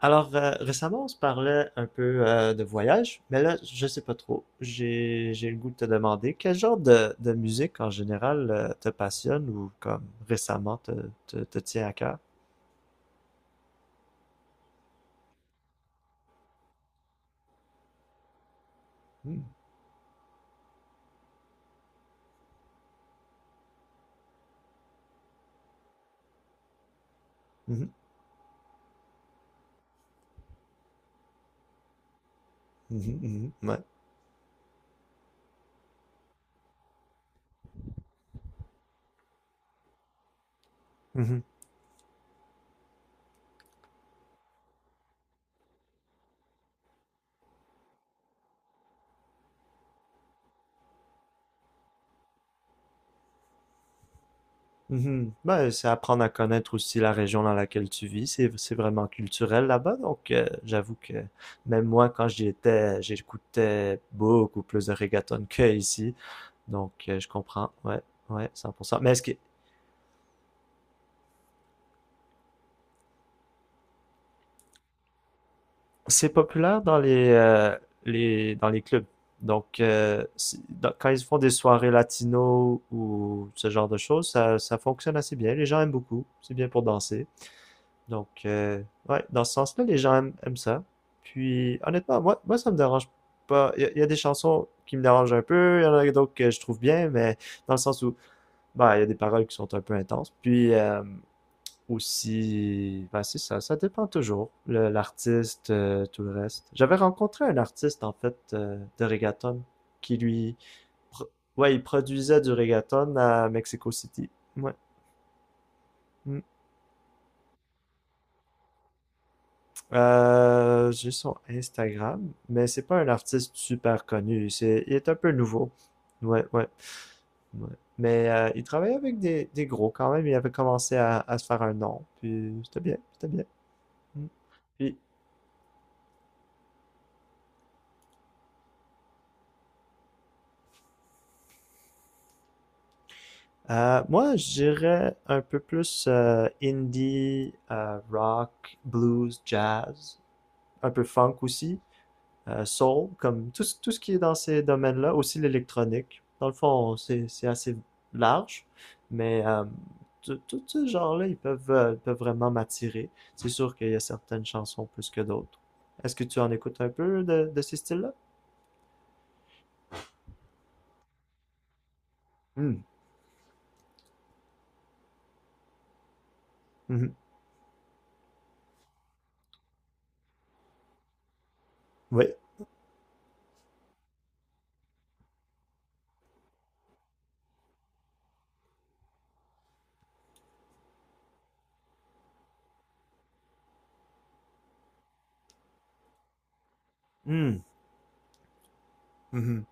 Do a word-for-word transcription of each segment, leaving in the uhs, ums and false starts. Alors, euh, récemment, on se parlait un peu euh, de voyage, mais là, je sais pas trop. J'ai, j'ai le goût de te demander quel genre de, de musique en général euh, te passionne ou comme récemment te, te, te tient à cœur. Hmm. Mhm. Mhm. Mhm. Ouais. Mhm. Mhm. Ben, c'est apprendre à connaître aussi la région dans laquelle tu vis. C'est, c'est vraiment culturel là-bas, donc euh, j'avoue que même moi, quand j'y étais, j'écoutais beaucoup plus de reggaeton que ici, donc euh, je comprends. Ouais. Ouais, cent pour cent. Mais est-ce que, c'est populaire dans les, euh, les, dans les clubs. Donc, euh, c'est- dans- quand ils font des soirées latino ou ce genre de choses, ça, ça fonctionne assez bien. Les gens aiment beaucoup. C'est bien pour danser. Donc, euh, ouais, dans ce sens-là, les gens aiment, aiment ça. Puis, honnêtement, moi, moi, ça me dérange pas. Il y, a- il y a des chansons qui me dérangent un peu. Il y en a d'autres que je trouve bien, mais dans le sens où, bah, il y a des paroles qui sont un peu intenses. Puis, euh, ou si ben c'est ça, ça dépend toujours, le- l'artiste, euh, tout le reste. J'avais rencontré un artiste, en fait, euh, de reggaeton, qui lui, pro- ouais, il produisait du reggaeton à Mexico City. Ouais. Mm. Euh, j'ai son Instagram, mais c'est pas un artiste super connu, c'est, il est un peu nouveau. Ouais, ouais, ouais. Mais euh, il travaillait avec des, des gros quand même, il avait commencé à, à se faire un nom, puis c'était bien, c'était bien. Mm. Puis, Euh, moi, je dirais un peu plus euh, indie, euh, rock, blues, jazz, un peu funk aussi, euh, soul, comme tout, ce- tout ce qui est dans ces domaines-là, aussi l'électronique. Dans le fond, c'est c'est assez large, mais euh, tout tout ce genre-là, ils peuvent, euh, peuvent vraiment m'attirer. C'est sûr qu'il y a certaines chansons plus que d'autres. Est-ce que tu en écoutes un peu de, de ces styles-là? Hmm, mhm, oui. Hmm, mhm.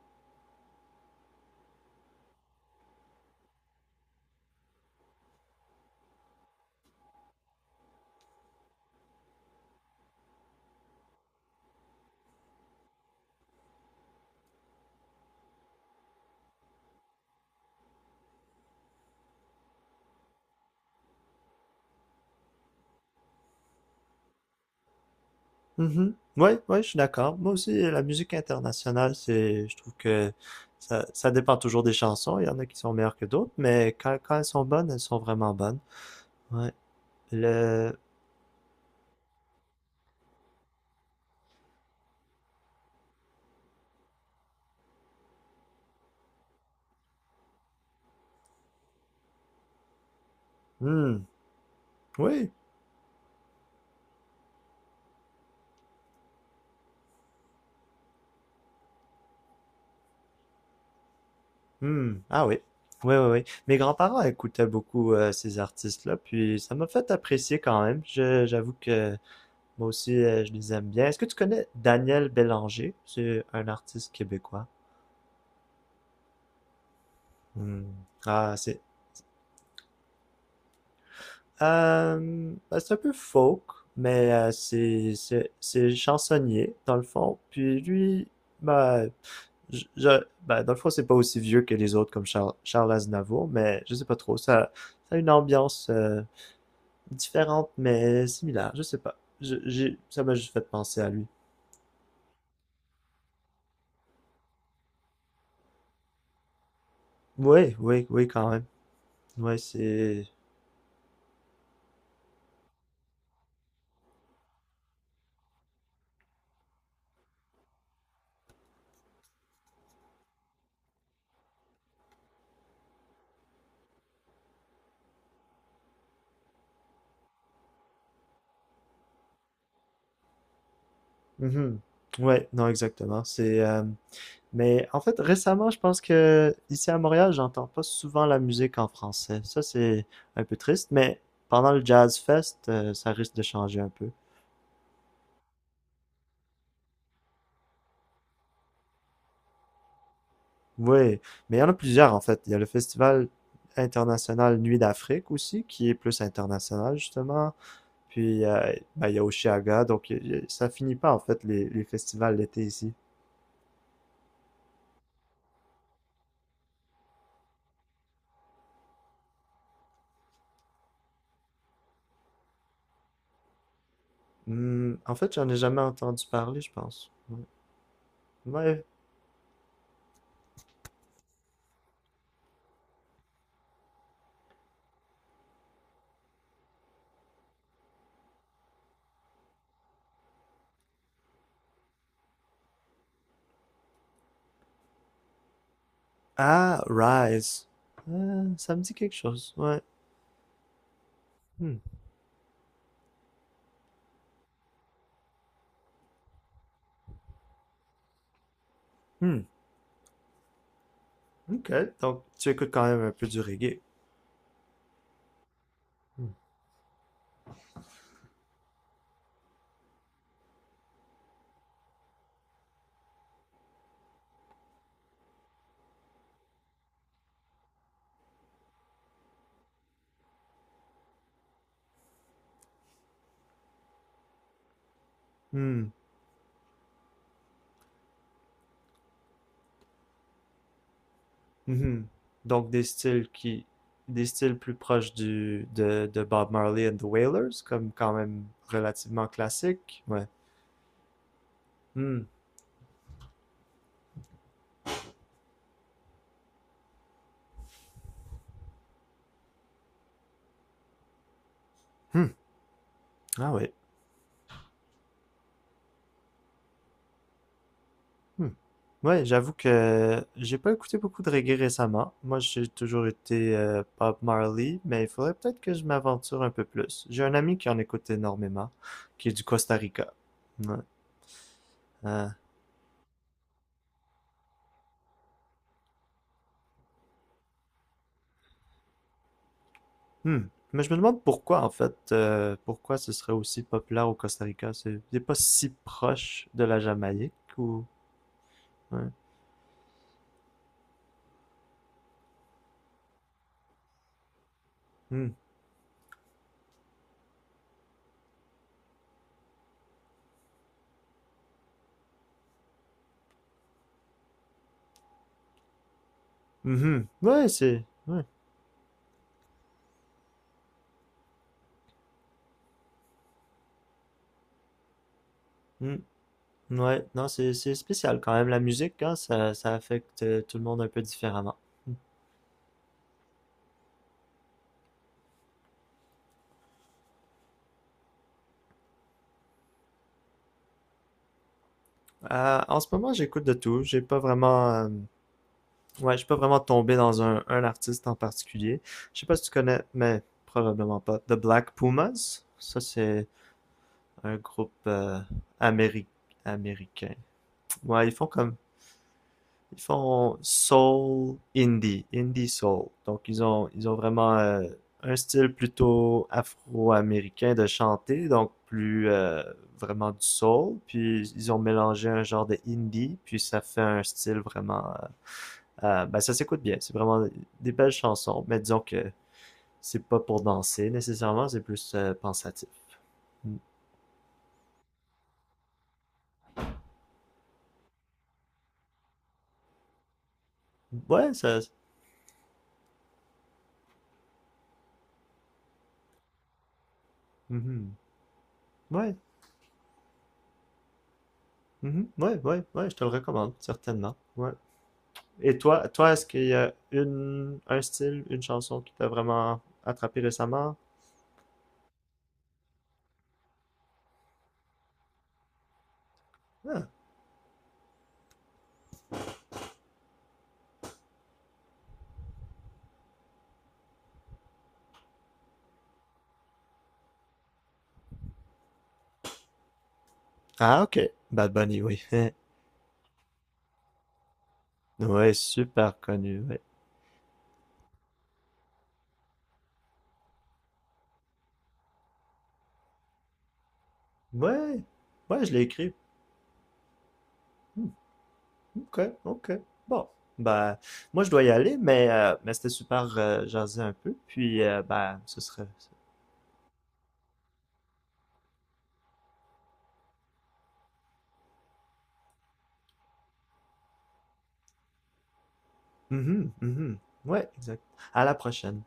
Mhm. Ouais, ouais, je suis d'accord. Moi aussi, la musique internationale, c'est, je trouve que ça, ça dépend toujours des chansons. Il y en a qui sont meilleures que d'autres, mais quand, quand elles sont bonnes, elles sont vraiment bonnes. Ouais. Le, Hmm. Oui. Hmm. Ah oui, oui, oui, oui. Mes grands-parents écoutaient beaucoup euh, ces artistes-là, puis ça m'a fait apprécier quand même. Je, j'avoue que moi aussi, euh, je les aime bien. Est-ce que tu connais Daniel Bélanger? C'est un artiste québécois. Hmm. Ah, c'est Euh, ben, c'est un peu folk, mais euh, c'est c'est- c'est chansonnier, dans le fond. Puis lui, ben, je, je- ben, dans le fond, c'est pas aussi vieux que les autres comme Charles, Charles Aznavour, mais je sais pas trop. Ça, ça a une ambiance euh, différente, mais similaire. Je sais pas. Je- j'ai, ça m'a juste fait penser à lui. Oui, oui, oui, quand même. Ouais, c'est. Mhm. Ouais, non, exactement. C'est. Euh, Mais en fait, récemment, je pense que ici à Montréal, j'entends pas souvent la musique en français. Ça, c'est un peu triste, mais pendant le Jazz Fest, euh, ça risque de changer un peu. Oui, mais il y en a plusieurs en fait. Il y a le Festival international Nuit d'Afrique aussi, qui est plus international justement. Puis euh, ben, il y a Oshiaga, donc il y a- ça finit pas en fait les, les festivals d'été ici. Hmm, en fait, j'en ai jamais entendu parler, je pense. Ouais. Ouais. Ah, Rise. Euh, ça me dit quelque chose. Ouais. Hmm. Hmm, ok. Donc, tu écoutes quand même un peu du reggae. Hmm. Hmm, mhm. Donc, des styles qui, des styles plus proches du, de, de Bob Marley and the Wailers, comme quand même relativement classique. Ouais. Hmm, hmm. Ah ouais. Hmm. Ouais, j'avoue que j'ai pas écouté beaucoup de reggae récemment. Moi, j'ai toujours été euh, Bob Marley, mais il faudrait peut-être que je m'aventure un peu plus. J'ai un ami qui en écoute énormément, qui est du Costa Rica. Ouais. Euh, Hmm. Mais je me demande pourquoi, en fait, euh, pourquoi ce serait aussi populaire au Costa Rica. C'est c'est pas si proche de la Jamaïque ou. Ouais, Hmm. Mhm. Ouais, c'est. Ouais. Hmm. Ouais. Non, c'est c'est spécial quand même. La musique, hein, ça, ça affecte euh, tout le monde un peu différemment. Hmm. Euh, en ce moment, j'écoute de tout. J'ai pas vraiment. euh, Ouais, je suis pas vraiment tombé dans un, un artiste en particulier. Je sais pas si tu connais, mais probablement pas. The Black Pumas. Ça, c'est. Un groupe euh, améri- américain. Ouais, ils font comme ils font soul indie, indie soul. Donc ils ont ils ont vraiment euh, un style plutôt afro-américain de chanter, donc plus euh, vraiment du soul. Puis ils ont mélangé un genre de indie, puis ça fait un style vraiment. Euh, euh, ben ça s'écoute bien. C'est vraiment des belles chansons, mais disons que c'est pas pour danser nécessairement, c'est plus euh, pensatif. Mm. Ouais, ça. Mhm. Ouais, Mhm. Ouais, ouais, ouais, je te le recommande, certainement. Ouais. Et toi, toi, est-ce qu'il y a une, un style, une chanson qui t'a vraiment attrapé récemment? Ah, Ah, ok. Bad Bunny, oui. Ouais, super connu, ouais. Ouais, ouais, je l'ai écrit. Hmm, ok, ok. Bon, bah, moi, je dois y aller, mais, euh, mais c'était super euh, jaser un peu, puis, euh, bah, ce serait... Mhm, mhm. Ouais, exact. À la prochaine.